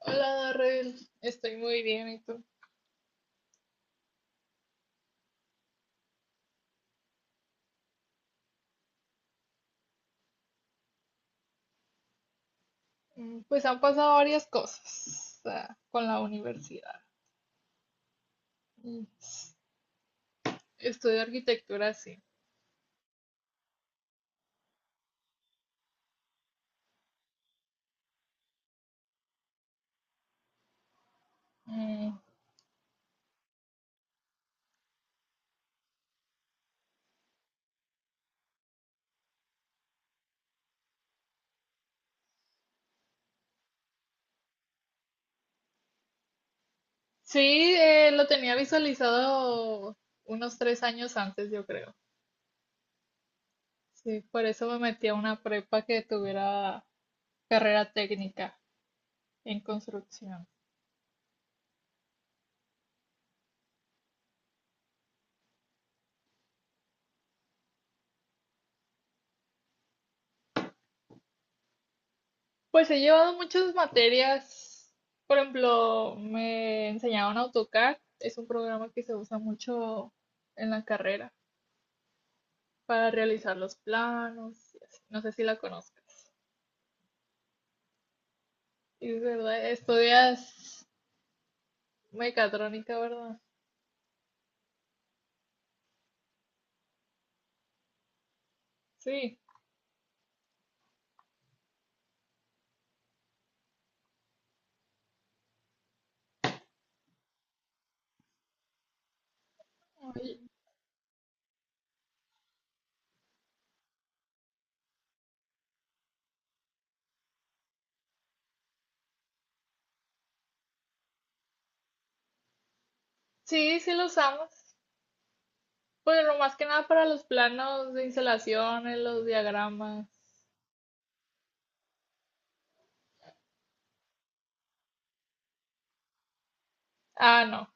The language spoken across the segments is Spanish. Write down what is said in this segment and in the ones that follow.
Hola, Darrell, estoy muy bien, ¿y tú? Pues han pasado varias cosas con la universidad. Mm, s- Estudio arquitectura, sí. Mm, Sí, lo tenía visualizado unos 3 años antes, yo creo. Sí, por eso me metí a una prepa que tuviera carrera técnica en construcción. Pues he llevado muchas materias. Por ejemplo, me enseñaron AutoCAD, es un programa que se usa mucho en la carrera, para realizar los planos y así. No sé si la conozcas. Y es verdad, estudias mecatrónica, ¿verdad? Sí. Oye, sí, sí lo usamos. Pues lo más que nada para los planos de instalaciones, los diagramas. Ah, no.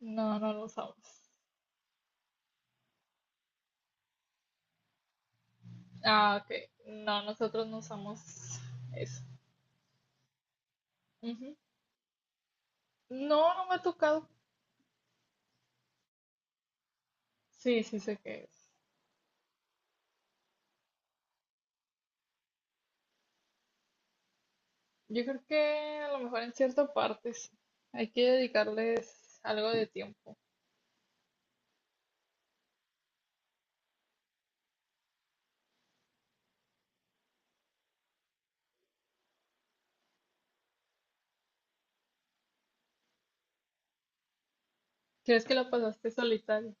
No, no lo usamos. Ah, ok. No, nosotros no usamos eso. Ujú. No, no me ha tocado. Sí, sí sé qué es. Yo creo que a lo mejor en cierta parte sí. Hay que dedicarles algo de tiempo. ¿Crees que lo pasaste solitario?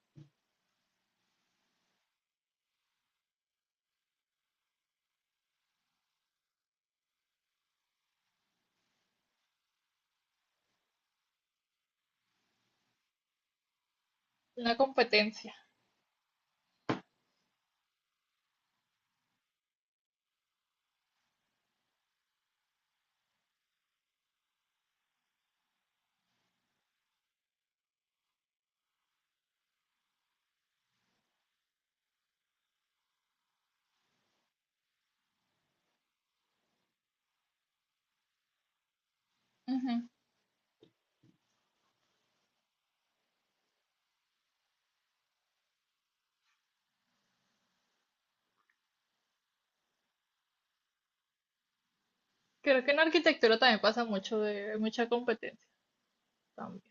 Una competencia. Ujú. Creo que en arquitectura también pasa mucho de mucha competencia también.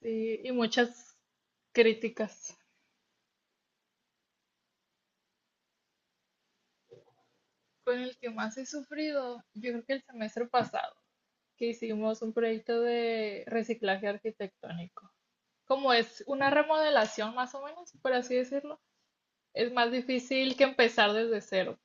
Sí, y muchas críticas. Con el que más he sufrido, yo creo que el semestre pasado, que hicimos un proyecto de reciclaje arquitectónico. Como es una remodelación más o menos, por así decirlo, es más difícil que empezar desde cero.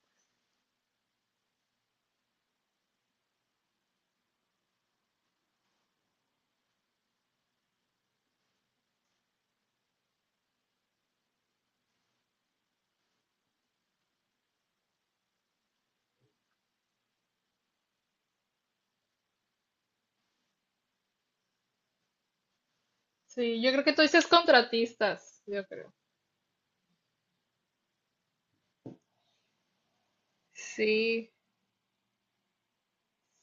Sí, yo creo que tú dices contratistas, yo creo. Sí,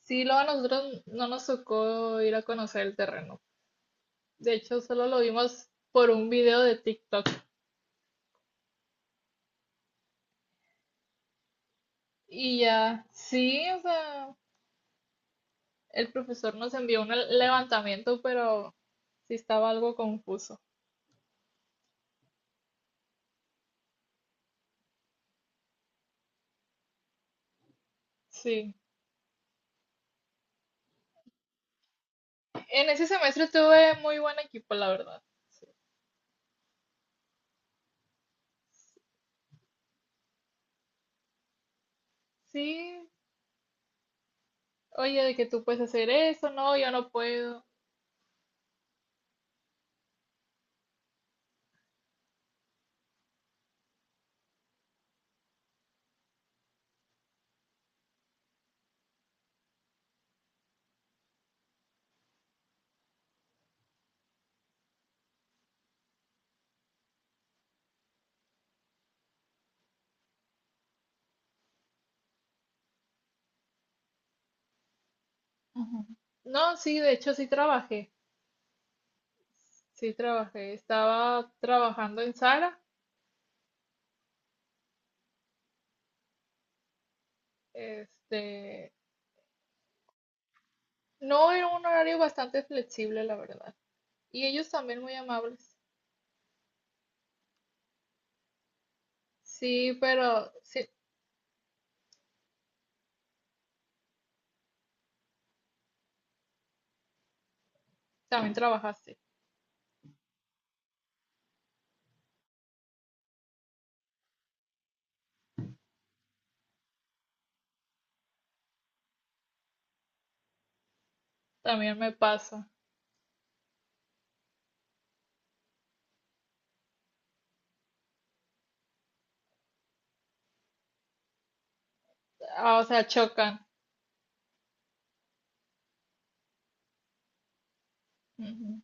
sí, luego a nosotros no nos tocó ir a conocer el terreno. De hecho, solo lo vimos por un video de TikTok. Y ya, sí, o sea, el profesor nos envió un levantamiento, pero sí estaba algo confuso. Sí. En ese semestre tuve muy buen equipo, la verdad. Sí. Sí, oye, de que tú puedes hacer eso, no, yo no puedo. Ujú. No, sí, de hecho sí trabajé, sí trabajé. Estaba trabajando en Sara, este, No, era un horario bastante flexible, la verdad. Y ellos también muy amables. Sí, pero sí, también trabajaste. También me pasa. Ah, o sea, chocan. Ujú.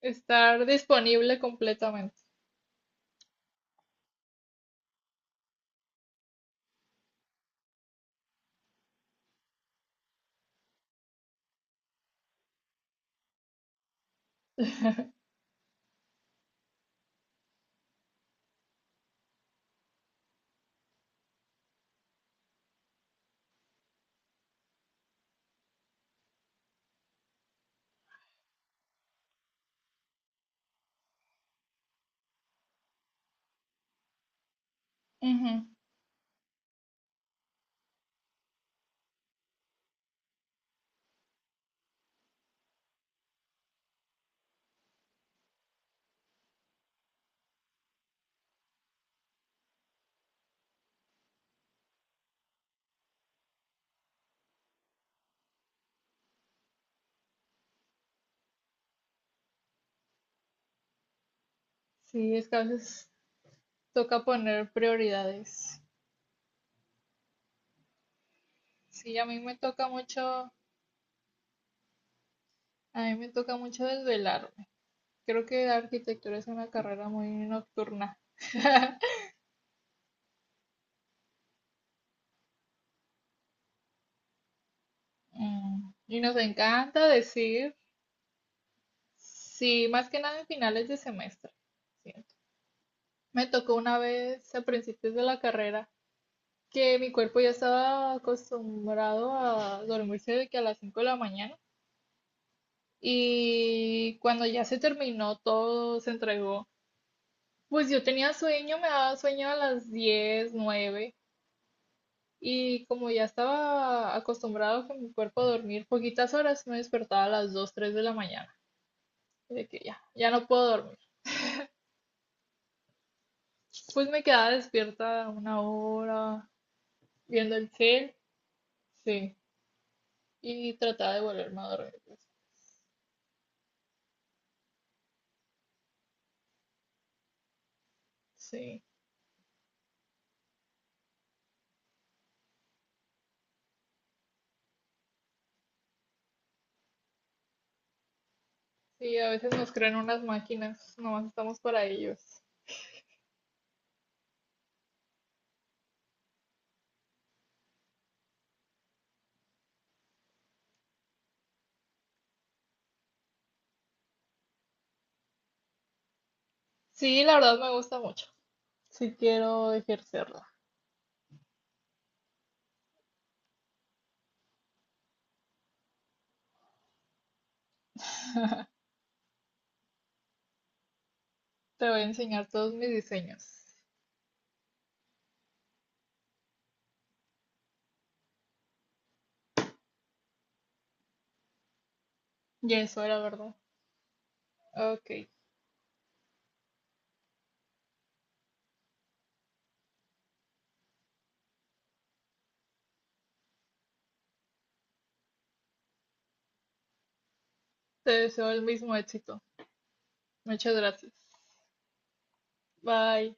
Estar disponible completamente. Ujú. Sí, es que a veces toca poner prioridades. Sí, a mí me toca mucho desvelarme. Creo que la arquitectura es una carrera muy nocturna. Mm. Y nos encanta decir sí, más que nada en finales de semestre, siento. Me tocó una vez a principios de la carrera que mi cuerpo ya estaba acostumbrado a dormirse de que a las 5 de la mañana, y cuando ya se terminó todo, se entregó. Pues yo tenía sueño, me daba sueño a las 10 9, y como ya estaba acostumbrado con mi cuerpo a dormir poquitas horas, me despertaba a las 2 3 de la mañana. De que ya, ya no puedo dormir. Pues me quedaba despierta una hora, viendo el cel, sí. Y trataba de volverme a dormir. Sí. Sí, a veces nos crean unas máquinas, nomás estamos para ellos. Sí, la verdad me gusta mucho. Sí quiero ejercerla. Te voy a enseñar todos mis diseños. Y eso era verdad. Ok. Te deseo el mismo éxito. Muchas gracias. Bye.